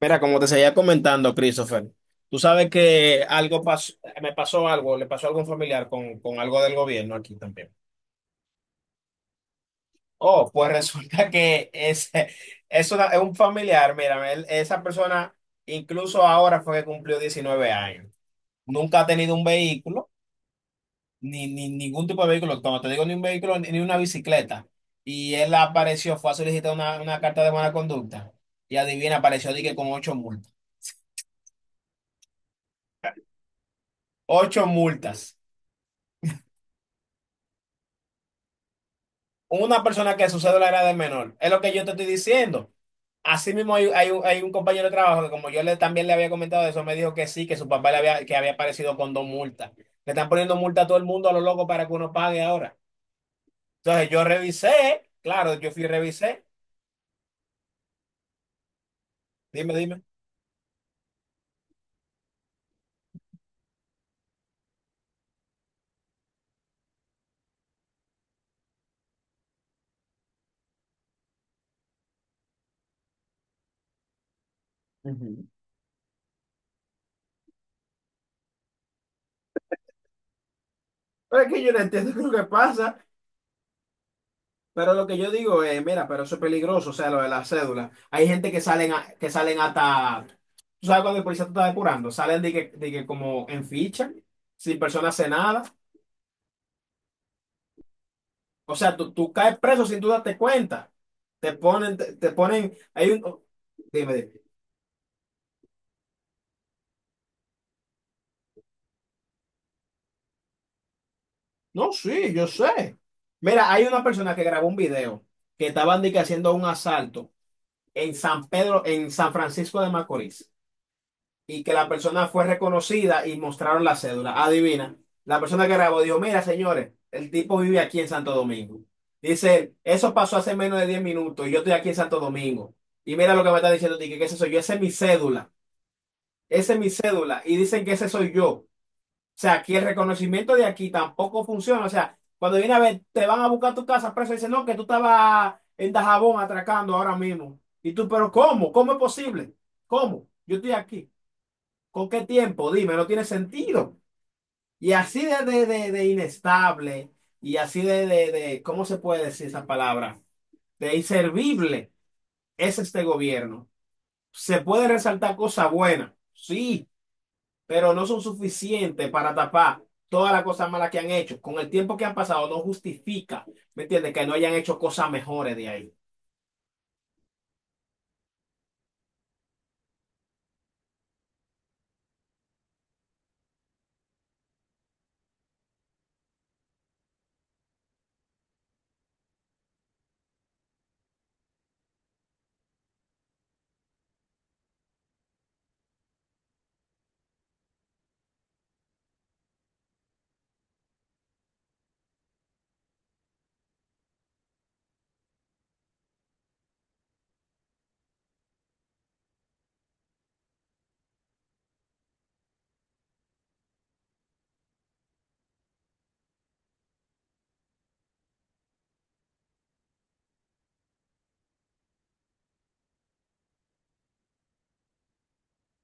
Mira, como te seguía comentando, Christopher, tú sabes que algo pasó, me pasó algo, le pasó algo a un familiar con algo del gobierno aquí también. Oh, pues resulta que es un familiar, mira, esa persona incluso ahora fue que cumplió 19 años. Nunca ha tenido un vehículo, ni ningún tipo de vehículo, cuando te digo ni un vehículo, ni una bicicleta. Y él apareció, fue a solicitar una carta de buena conducta y adivina, apareció dije con ocho multas. Ocho multas. Una persona que su cédula era de menor. Es lo que yo te estoy diciendo. Así mismo hay un compañero de trabajo que como yo también le había comentado eso, me dijo que sí, que su papá que había aparecido con dos multas. Le están poniendo multa a todo el mundo a lo loco para que uno pague ahora. Entonces yo revisé, claro, yo fui y revisé. Dime, dime. Ujú. Pero es que yo no entiendo lo que pasa. Pero lo que yo digo es, mira, pero eso es peligroso, o sea, lo de la cédula. Hay gente que salen, que salen hasta, tú sabes cuando el policía te está depurando, salen de que como en ficha, sin persona hace nada. O sea, tú caes preso sin tú darte cuenta. Te ponen, te ponen, hay un, dime, dime. No, sí, yo sé. Mira, hay una persona que grabó un video que estaban de que haciendo un asalto en San Pedro, en San Francisco de Macorís. Y que la persona fue reconocida y mostraron la cédula. Adivina, la persona que grabó dijo, mira, señores, el tipo vive aquí en Santo Domingo. Dice, él, eso pasó hace menos de 10 minutos y yo estoy aquí en Santo Domingo. Y mira lo que me está diciendo, Tique, que ese soy yo, esa es mi cédula, esa es mi cédula. Y dicen que ese soy yo. O sea, aquí el reconocimiento de aquí tampoco funciona. O sea, cuando viene a ver, te van a buscar tu casa preso y dicen, no, que tú estabas en Dajabón atracando ahora mismo. Y tú, pero ¿cómo? ¿Cómo es posible? ¿Cómo? Yo estoy aquí. ¿Con qué tiempo? Dime, no tiene sentido. Y así de inestable y así ¿cómo se puede decir esa palabra? De inservible es este gobierno. Se puede resaltar cosas buenas, sí, pero no son suficientes para tapar todas las cosas malas que han hecho. Con el tiempo que han pasado no justifica, ¿me entiendes? Que no hayan hecho cosas mejores de ahí.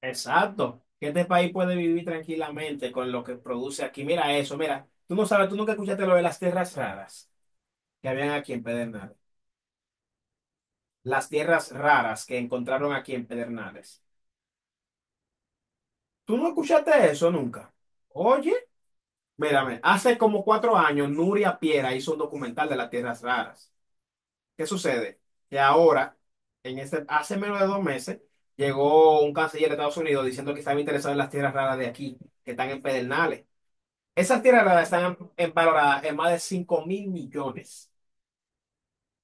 Exacto. Que este país puede vivir tranquilamente con lo que produce aquí. Mira eso, mira. Tú no sabes, tú nunca escuchaste lo de las tierras raras que habían aquí en Pedernales. Las tierras raras que encontraron aquí en Pedernales. ¿Tú no escuchaste eso nunca? Oye, mírame, hace como 4 años Nuria Piera hizo un documental de las tierras raras. ¿Qué sucede? Que ahora, en este, hace menos de 2 meses, llegó un canciller de Estados Unidos diciendo que estaba interesado en las tierras raras de aquí, que están en Pedernales. Esas tierras raras están valoradas en más de 5 mil millones.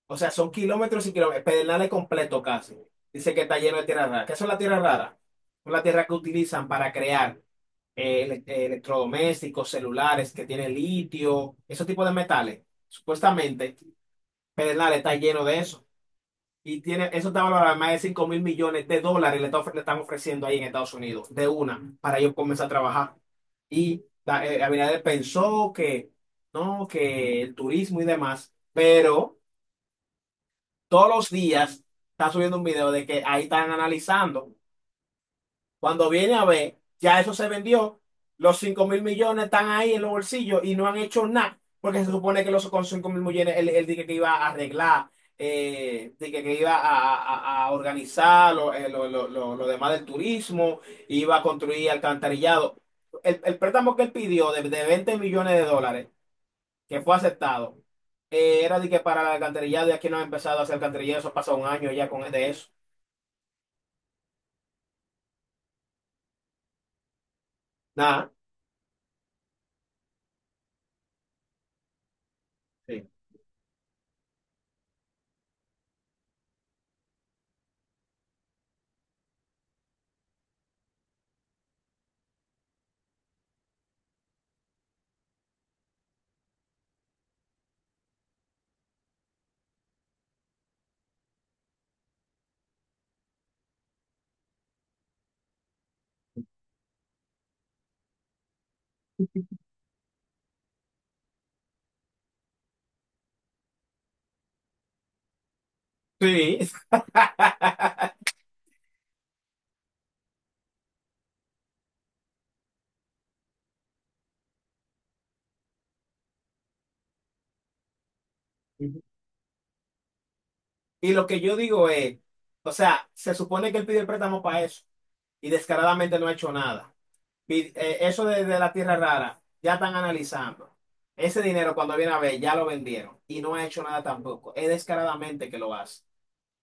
O sea, son kilómetros y kilómetros, Pedernales completo casi. Dice que está lleno de tierra rara. ¿Qué son las tierras raras? Son las tierras que utilizan para crear electrodomésticos, celulares, que tienen litio, esos tipos de metales. Supuestamente, Pedernales está lleno de eso. Y tiene, eso está valorado en más de 5 mil millones de dólares, le están ofreciendo ahí en Estados Unidos, de una, para ellos comenzar a trabajar. Y Abinader pensó que, no, que el turismo y demás, pero todos los días está subiendo un video de que ahí están analizando. Cuando viene a ver, ya eso se vendió, los 5 mil millones están ahí en los bolsillos y no han hecho nada, porque se supone que con 5 mil millones él dije que iba a arreglar, dije que iba a organizar lo demás del turismo, iba a construir alcantarillado. El préstamo que él pidió de 20 millones de dólares que fue aceptado. Era de que para el alcantarillado y aquí no ha empezado a hacer alcantarillado, eso pasa un año ya con de eso. Nada. Sí. Sí. Ujú. Y lo que yo digo es, o sea, se supone que él pidió el préstamo para eso y descaradamente no ha hecho nada. Eso de la tierra rara, ya están analizando. Ese dinero cuando viene a ver, ya lo vendieron y no ha hecho nada tampoco. Es descaradamente que lo hace.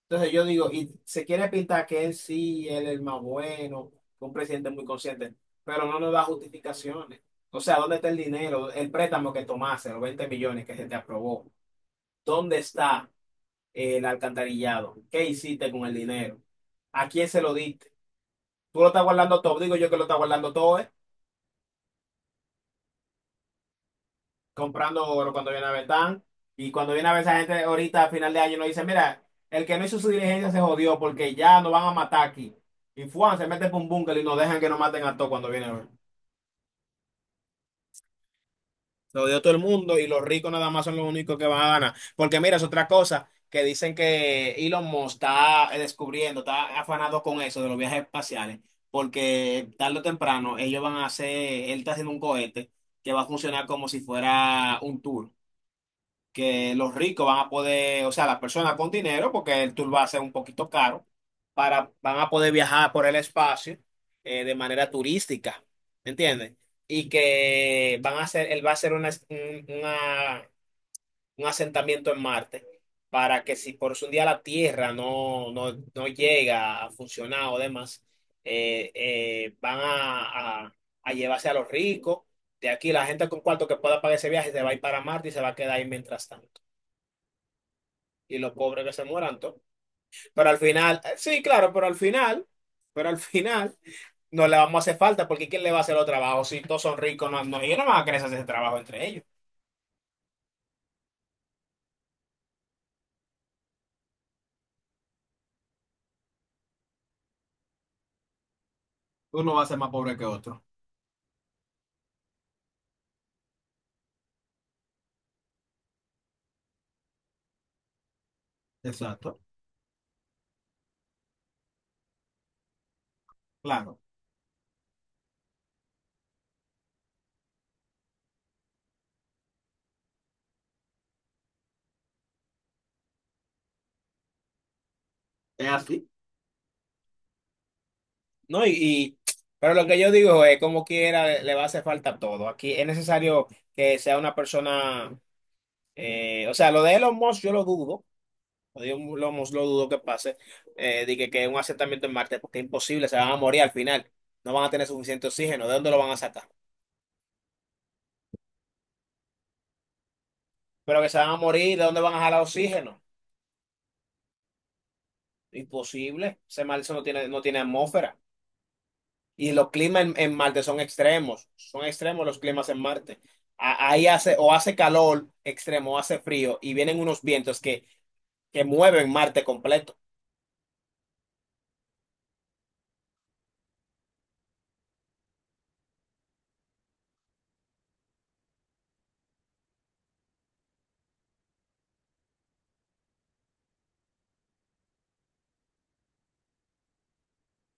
Entonces yo digo, y se quiere pintar que él sí, él es el más bueno, un presidente muy consciente, pero no nos da justificaciones. O sea, ¿dónde está el dinero? El préstamo que tomaste, los 20 millones que se te aprobó. ¿Dónde está el alcantarillado? ¿Qué hiciste con el dinero? ¿A quién se lo diste? ¿Tú lo estás guardando todo? Digo yo que lo estás guardando todo, comprando oro cuando viene a ver tan. Y cuando viene a ver esa gente ahorita a final de año nos dice, mira, el que no hizo su diligencia se jodió porque ya nos van a matar aquí. Y Fuan se mete por un búnker y nos dejan que nos maten a todos cuando viene a ver. Se jodió todo el mundo y los ricos nada más son los únicos que van a ganar. Porque mira, es otra cosa que dicen que Elon Musk está descubriendo, está afanado con eso de los viajes espaciales. Porque tarde o temprano ellos van a hacer, él está haciendo un cohete que va a funcionar como si fuera un tour que los ricos van a poder, o sea, las personas con dinero, porque el tour va a ser un poquito caro, para, van a poder viajar por el espacio de manera turística, ¿me entiendes? Y que van a hacer, él va a hacer un asentamiento en Marte para que si por un día la Tierra no, no, no llega a funcionar o demás, van a llevarse a los ricos. De aquí la gente con cuarto que pueda pagar ese viaje se va a ir para Marte y se va a quedar ahí mientras tanto y los pobres que se mueran todos. Pero al final, sí, claro, pero al final no le vamos a hacer falta porque ¿quién le va a hacer los trabajos? Si todos son ricos, no, no, ellos no van a querer hacer ese trabajo entre ellos. Uno va a ser más pobre que otro. Exacto. Claro. Es así. No, pero lo que yo digo es, como quiera, le va a hacer falta todo. Aquí es necesario que sea una persona, o sea, lo de Elon Musk yo lo dudo, Dios lo dudo que pase. Que un asentamiento en Marte, porque es imposible, se van a morir al final. No van a tener suficiente oxígeno. ¿De dónde lo van a sacar? Pero que se van a morir, ¿de dónde van a jalar oxígeno? Imposible. Ese Marte no tiene, no tiene atmósfera. Y los climas en Marte son extremos. Son extremos los climas en Marte. Ahí hace, o hace calor extremo, o hace frío, y vienen unos vientos que mueven Marte completo,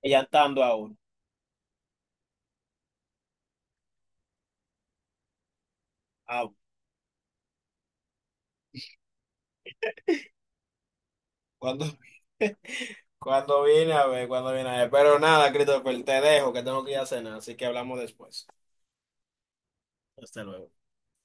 ellantando a uno. Ah, cuando. Cuando viene a ver, cuando viene a ver. Pero nada, Christopher, te dejo que tengo que ir a cenar, así que hablamos después. Hasta luego.